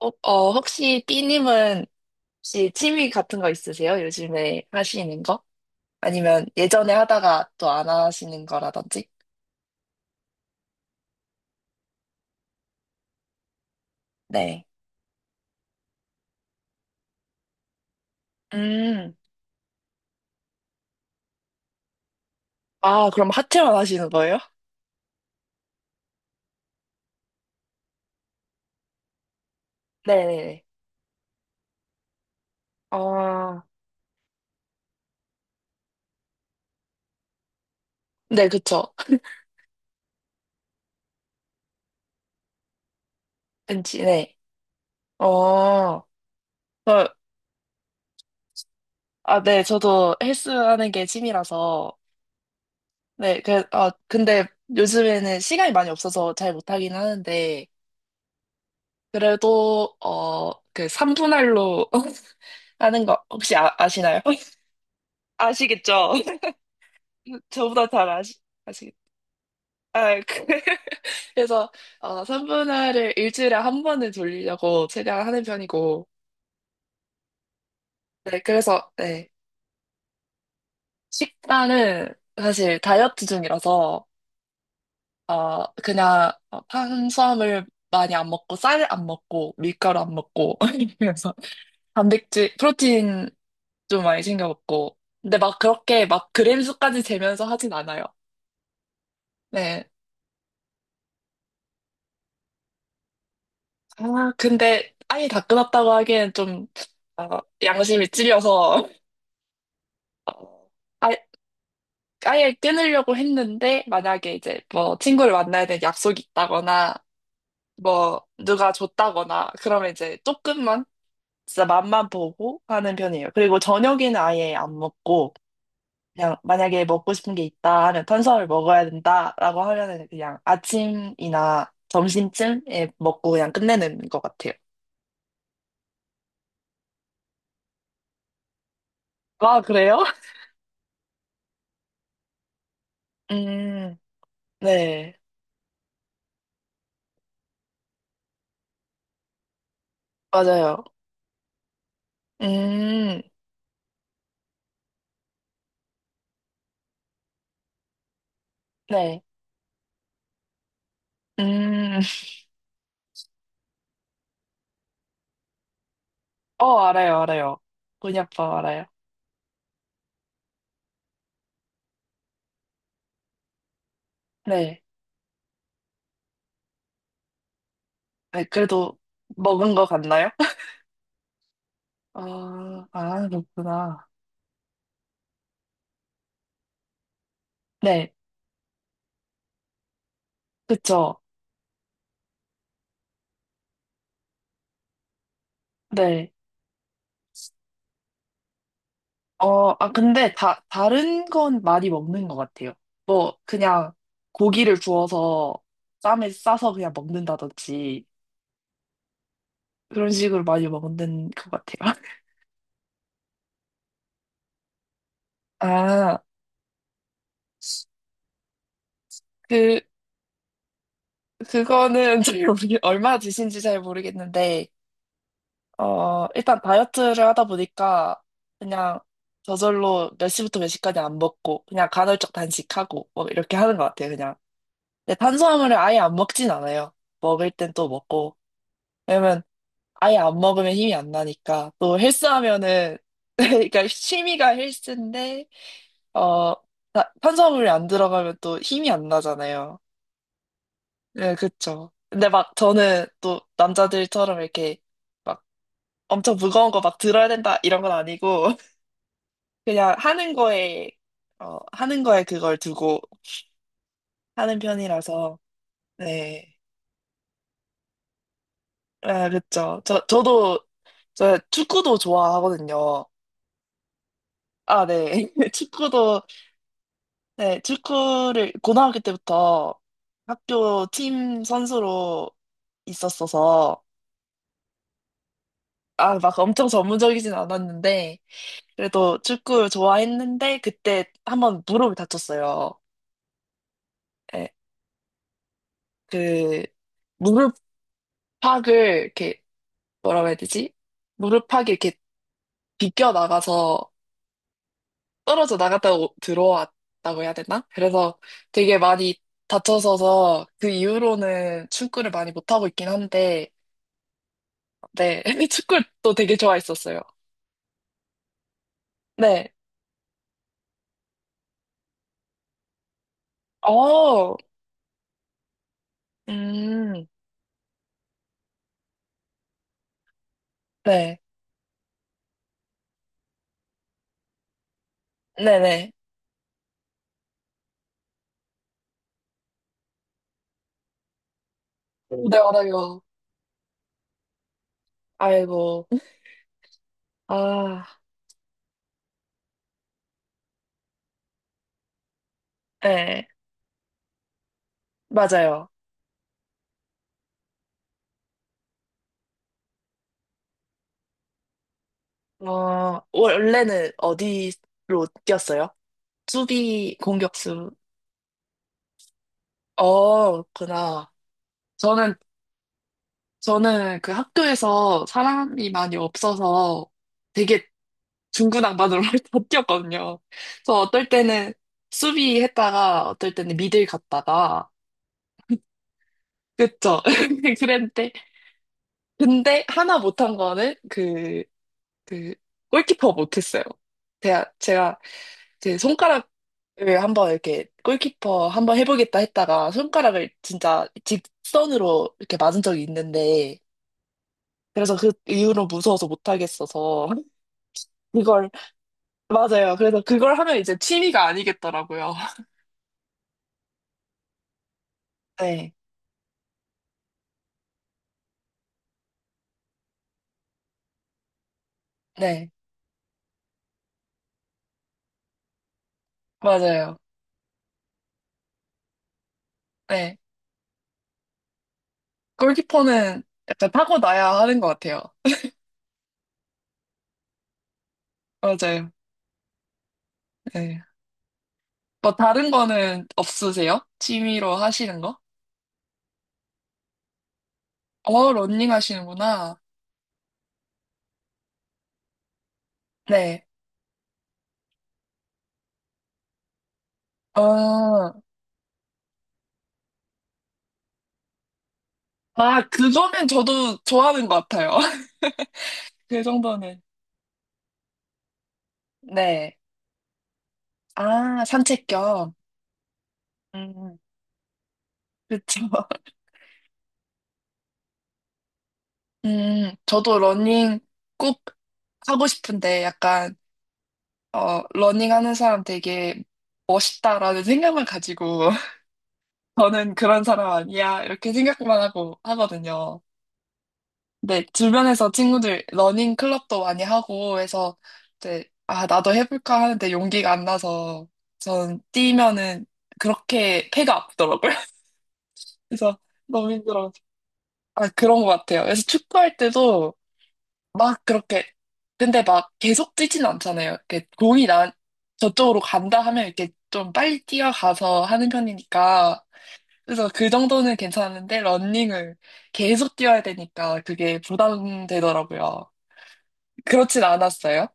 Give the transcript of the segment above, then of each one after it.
어, 어, 혹시 B님은 혹시 취미 같은 거 있으세요? 요즘에 하시는 거? 아니면 예전에 하다가 또 안 하시는 거라든지? 네. 음. 아, 그럼 하체만 하시는 거예요? 네네네. 어, 네, 그쵸. 왠지, 네. 어, 저, 네, 저도 헬스 하는 게 취미라서, 네, 근데 요즘에는 시간이 많이 없어서 잘 못하긴 하는데, 그래도, 그 3분할로 하는 거 혹시 아시나요? 아시겠죠? 저보다 잘 아시, 아, 그- 그래서 3분할을 일주일에 한 번은 돌리려고 최대한 하는 편이고, 네, 그래서 네, 식단은 사실 다이어트 중이라서 그냥 탄수화물 많이 안 먹고 쌀 안 먹고 밀가루 안 먹고 그래서 단백질, 프로틴 좀 많이 챙겨 먹고, 근데 막 그렇게 막 그램 수까지 재면서 하진 않아요. 네. 아, 근데 아예 다 끊었다고 하기엔 좀 양심이 찔려서 어, 아, 아예 끊으려고 했는데 만약에 이제 뭐 친구를 만나야 될 약속이 있다거나 뭐 누가 줬다거나 그러면 이제 조금만 진짜 맛만 보고 하는 편이에요. 그리고 저녁에는 아예 안 먹고 그냥 만약에 먹고 싶은 게 있다 하면 탄수화물 먹어야 된다라고 하면은 그냥 아침이나 점심쯤에 먹고 그냥 끝내는 것 같아요. 아, 그래요? 음, 네. 맞아요. 음, 네. 음, 알아요, 알아요. 곤약밥 알아요. 네. 네, 그래도 먹은 거 같나요? 아, 그렇구나. 네, 그쵸. 네. 근데 다른 건 많이 먹는 것 같아요. 뭐, 그냥 고기를 구워서 쌈에 싸서 그냥 먹는다든지, 그런 식으로 많이 먹는 것 같아요. 아, 그, 그거는 잘 얼마 드신지 잘 모르겠는데, 일단 다이어트를 하다 보니까 그냥 저절로 몇 시부터 몇 시까지 안 먹고 그냥 간헐적 단식하고 뭐 이렇게 하는 것 같아요, 그냥. 근데 탄수화물을 아예 안 먹진 않아요. 먹을 땐 또 먹고. 왜냐면 아예 안 먹으면 힘이 안 나니까. 또 헬스하면은 그러니까 취미가 헬스인데 어 탄수화물이 안 들어가면 또 힘이 안 나잖아요. 네, 그쵸. 근데 막 저는 또 남자들처럼 이렇게 막 엄청 무거운 거 막 들어야 된다 이런 건 아니고 그냥 하는 거에 그걸 두고 하는 편이라서, 네. 아, 그쵸. 저 축구도 좋아하거든요. 아, 네. 축구도, 네, 축구를 고등학교 때부터 학교 팀 선수로 있었어서, 아, 막 엄청 전문적이진 않았는데, 그래도 축구를 좋아했는데, 그때 한번 무릎을 다쳤어요. 예, 그, 무릎팍을 이렇게 뭐라고 해야 되지? 무릎팍이 이렇게 비껴 나가서 떨어져 나갔다가 들어왔다고 해야 되나? 그래서 되게 많이 다쳐서서 그 이후로는 축구를 많이 못하고 있긴 한데, 네. 축구도 되게 좋아했었어요. 네. 어, 음, 네. 네네. 네, 알아요. 아이고. 아, 네. 맞아요. 원래는 어디로 뛰었어요? 수비, 공격수. 그렇구나. 저는, 저는 그 학교에서 사람이 많이 없어서 되게 중구난방으로 바뀌었거든요. 그래서 어떨 때는 수비했다가 어떨 때는 미들 갔다가 그쵸. 그랬는데 근데 하나 못한 거는 그 골키퍼 못했어요. 제가 제 손가락을 한번 이렇게 골키퍼 한번 해보겠다 했다가 손가락을 진짜 직선으로 이렇게 맞은 적이 있는데 그래서 그 이후로 무서워서 못하겠어서 이걸 맞아요. 그래서 그걸 하면 이제 취미가 아니겠더라고요. 네, 네, 맞아요. 네, 골키퍼는 약간 타고나야 하는 것 같아요. 맞아요. 네. 뭐 다른 거는 없으세요? 취미로 하시는 거? 러닝 하시는구나. 네. 어, 그거는 저도 좋아하는 것 같아요. 그 정도는. 네. 아, 산책 겸. 음, 그쵸. 저도 러닝 꼭 하고 싶은데 약간 러닝 하는 사람 되게 멋있다라는 생각만 가지고 저는 그런 사람 아니야 이렇게 생각만 하고 하거든요. 근데 주변에서 친구들 러닝 클럽도 많이 하고 해서 이제 아 나도 해볼까 하는데 용기가 안 나서 전 뛰면은 그렇게 폐가 아프더라고요. 그래서 너무 힘들어. 아 그런 것 같아요. 그래서 축구할 때도 막 그렇게 근데 막 계속 뛰진 않잖아요. 이렇게 공이 나 저쪽으로 간다 하면 이렇게 좀 빨리 뛰어가서 하는 편이니까 그래서 그 정도는 괜찮은데 러닝을 계속 뛰어야 되니까 그게 부담되더라고요. 그렇진 않았어요.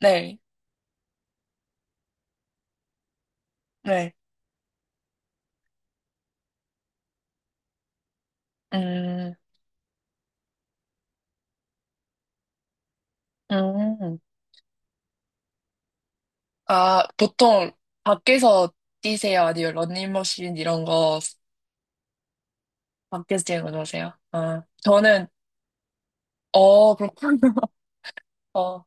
네, 네, 음, 음, 아 보통 밖에서 뛰세요? 아니면 러닝머신 이런 거 밖에서 뛰는 거 좋아하세요? 아 저는 그렇군요. 어,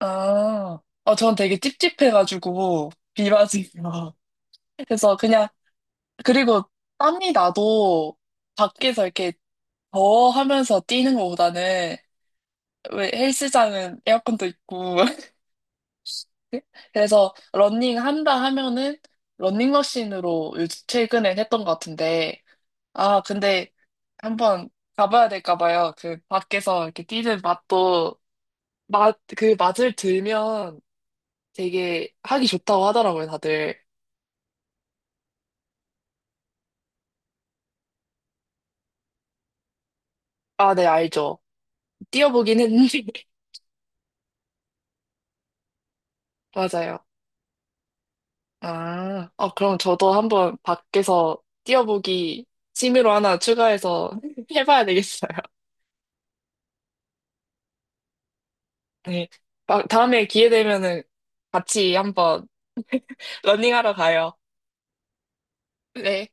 아, 전 되게 찝찝해가지고, 비 맞으면. 그래서 그냥, 그리고 땀이 나도 밖에서 이렇게 더워하면서 뛰는 것보다는, 왜 헬스장은 에어컨도 있고. 그래서 러닝 한다 하면은, 러닝머신으로 요즘 최근엔 했던 것 같은데, 아, 근데 한번 가봐야 될까 봐요. 그 밖에서 이렇게 뛰는 맛도, 그 맛을 들면 되게 하기 좋다고 하더라고요, 다들. 아, 네, 알죠. 뛰어보긴 했는데. 맞아요. 아, 그럼 저도 한번 밖에서 뛰어보기 취미로 하나 추가해서 해봐야 되겠어요. 네. 막 다음에 기회 되면은 같이 한번 러닝하러 가요. 네.